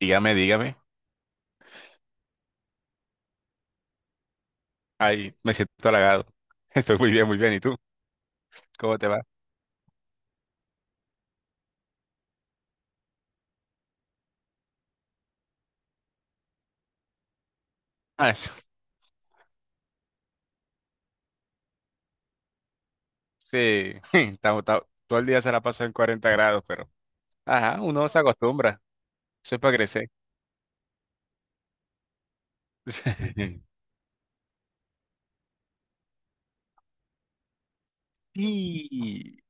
Dígame, dígame. Ay, me siento halagado. Estoy muy bien, muy bien. ¿Y tú? ¿Cómo te va? Ah, eso. Sí, todo el día se la pasa en 40 grados, pero... Ajá, uno se acostumbra. Eso es para crecer. Y...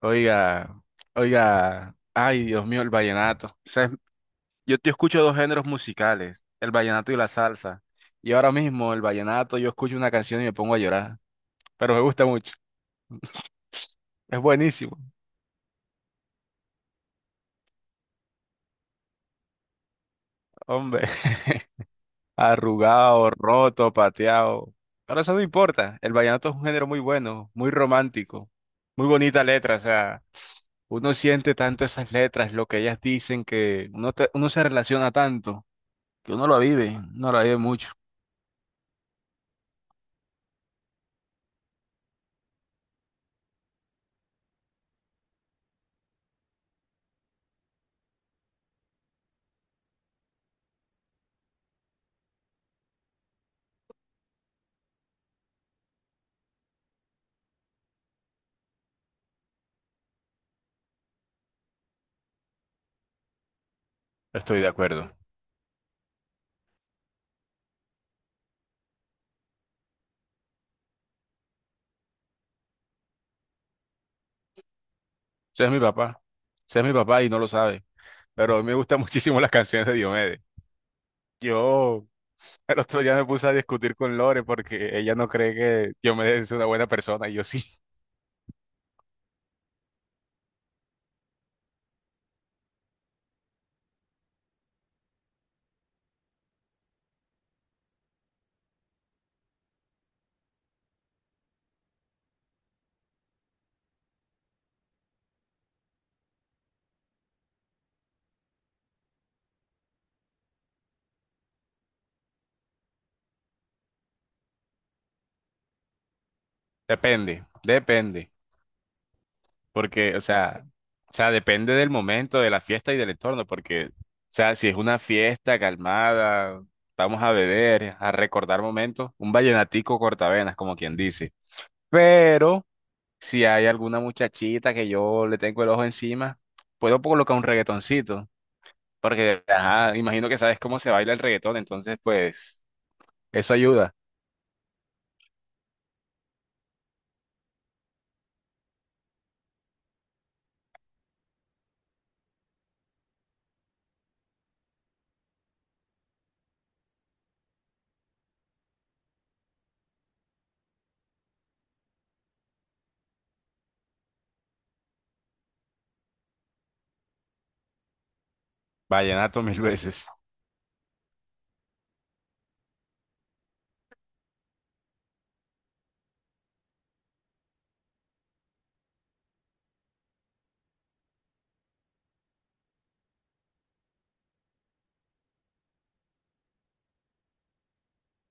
Oiga, oiga. Ay, Dios mío, el vallenato. O sea, yo escucho dos géneros musicales, el vallenato y la salsa. Y ahora mismo el vallenato, yo escucho una canción y me pongo a llorar. Pero me gusta mucho. Es buenísimo, hombre. Arrugado, roto, pateado. Pero eso no importa. El vallenato es un género muy bueno, muy romántico, muy bonita letra. O sea, uno siente tanto esas letras, lo que ellas dicen, que uno, uno se relaciona tanto, que uno lo vive mucho. Estoy de acuerdo. Ese es mi papá. Ese es mi papá y no lo sabe. Pero a mí me gustan muchísimo las canciones de Diomedes. Yo el otro día me puse a discutir con Lore porque ella no cree que Diomedes es una buena persona y yo sí. Depende, depende. Porque, o sea, depende del momento, de la fiesta y del entorno, porque, o sea, si es una fiesta calmada, vamos a beber, a recordar momentos, un vallenatico cortavenas, como quien dice. Pero si hay alguna muchachita que yo le tengo el ojo encima, puedo colocar un reggaetoncito, porque, ajá, imagino que sabes cómo se baila el reggaetón, entonces, pues, eso ayuda. Vallenato mil veces.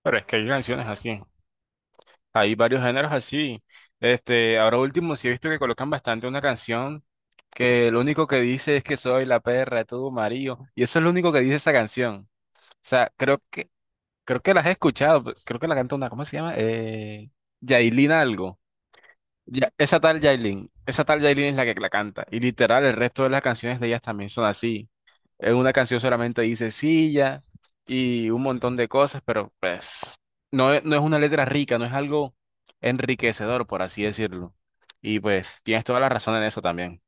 Pero es que hay canciones así. Hay varios géneros así. Este, ahora último, sí he visto que colocan bastante una canción que lo único que dice es que soy la perra de tu marido. Y eso es lo único que dice esa canción. O sea, creo que las he escuchado. Pues, creo que la canta una, ¿cómo se llama? Yailin algo. Ya, esa tal Yailin es la que la canta. Y literal, el resto de las canciones de ellas también son así. En una canción solamente dice silla y un montón de cosas, pero pues no, no es una letra rica, no es algo enriquecedor, por así decirlo. Y pues tienes toda la razón en eso también.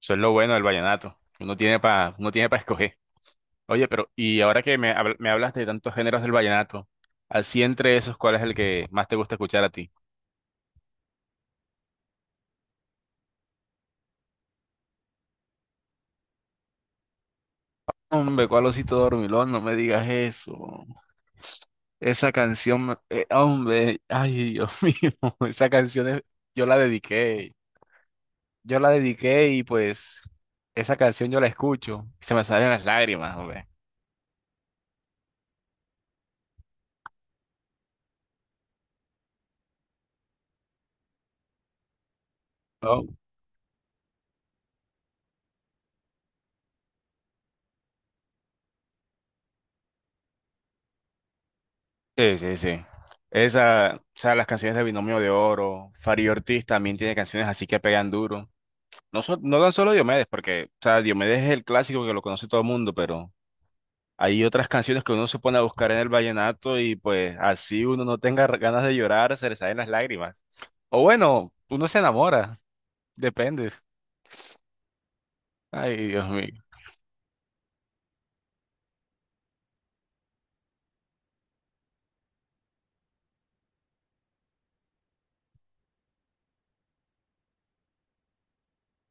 Eso es lo bueno del vallenato. Uno tiene para escoger. Oye, pero y ahora que me hablas de tantos géneros del vallenato, así entre esos, ¿cuál es el que más te gusta escuchar a ti? Hombre, cuál osito dormilón, no me digas eso. Esa canción, hombre, ay, Dios mío, esa canción es- yo la dediqué. Yo la dediqué y pues esa canción yo la escucho y se me salen las lágrimas, hombre. Oh. Sí, sí, sí. Esa, o sea, las canciones de Binomio de Oro, Fari Ortiz también tiene canciones así que pegan duro. No, no tan solo Diomedes, porque, o sea, Diomedes es el clásico que lo conoce todo el mundo, pero hay otras canciones que uno se pone a buscar en el vallenato y pues así uno no tenga ganas de llorar, se le salen las lágrimas. O bueno, uno se enamora, depende. Ay, Dios mío.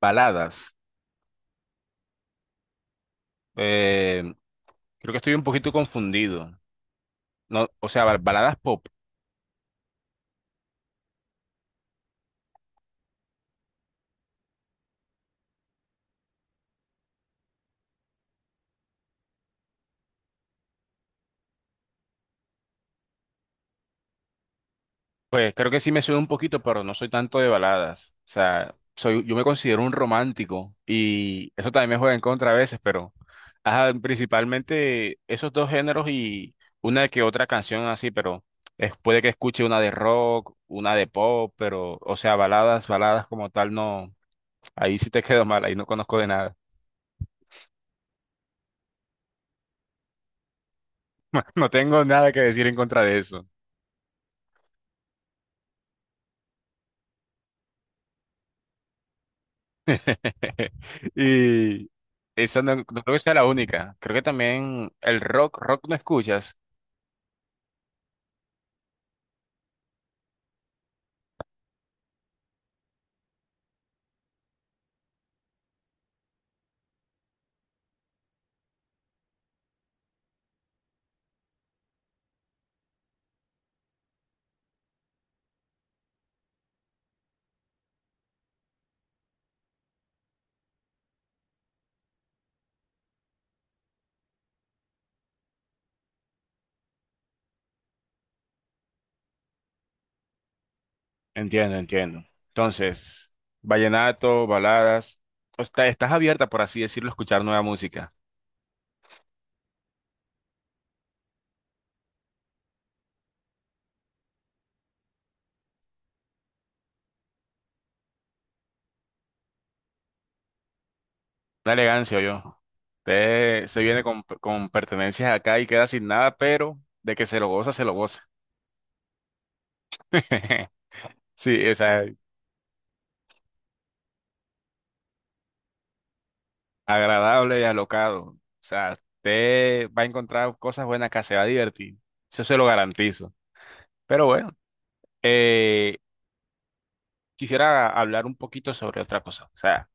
Baladas. Eh, creo que estoy un poquito confundido. No, o sea, baladas. Pues creo que sí me suena un poquito, pero no soy tanto de baladas. O sea, yo me considero un romántico y eso también me juega en contra a veces, pero ajá, principalmente esos dos géneros y una que otra canción así, pero puede que escuche una de rock, una de pop, pero o sea, baladas, baladas como tal, no, ahí sí te quedo mal, ahí no conozco de nada. No tengo nada que decir en contra de eso. Y esa no, no creo que sea la única. Creo que también el rock, rock no escuchas. Entiendo, entiendo. Entonces, vallenato, baladas. O sea, estás abierta, por así decirlo, a escuchar nueva música. Una elegancia, yo. Usted se viene con pertenencias acá y queda sin nada, pero de que se lo goza, se lo goza. Sí, o sea, agradable y alocado. O sea, usted va a encontrar cosas buenas acá, se va a divertir. Eso se lo garantizo. Pero bueno. Eh, quisiera hablar un poquito sobre otra cosa, o sea,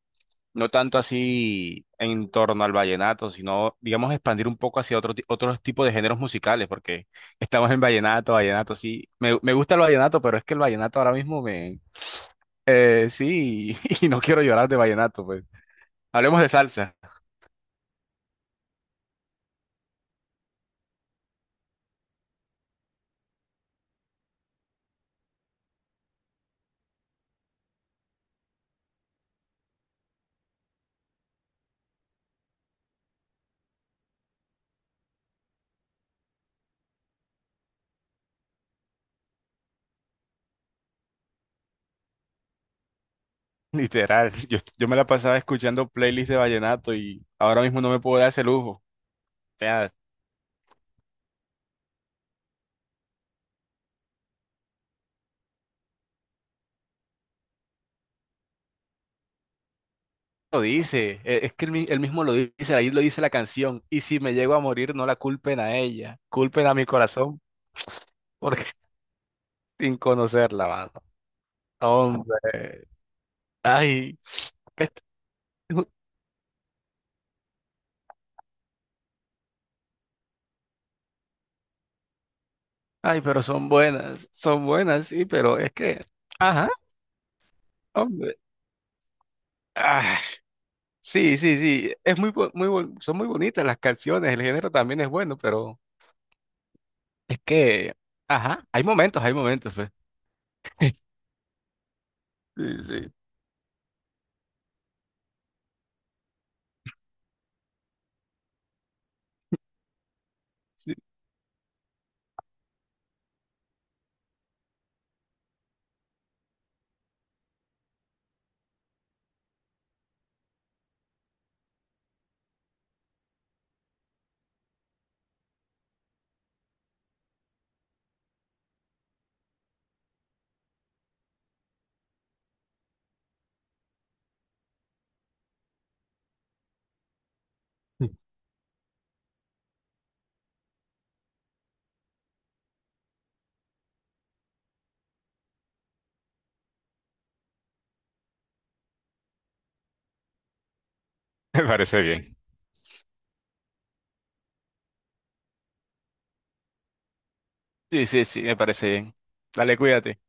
no tanto así en torno al vallenato, sino, digamos, expandir un poco hacia otros tipos de géneros musicales, porque estamos en vallenato, vallenato, sí, me gusta el vallenato, pero es que el vallenato ahora mismo me sí, y no quiero llorar de vallenato, pues. Hablemos de salsa, literal, yo me la pasaba escuchando playlists de vallenato y ahora mismo no me puedo dar ese lujo. Lo dice, es que él mismo lo dice, ahí lo dice la canción. Y si me llego a morir, no la culpen a ella, culpen a mi corazón, porque sin conocerla, mano. Hombre, ay, est- ay, pero son buenas, sí, pero es que, ajá, hombre. Ah, sí, sí, sí, es muy, son muy bonitas las canciones, el género también es bueno, pero es que, ajá, hay momentos, pues. Sí, sí, sí. Me parece bien. Sí, sí, sí, me parece bien. Dale, cuídate.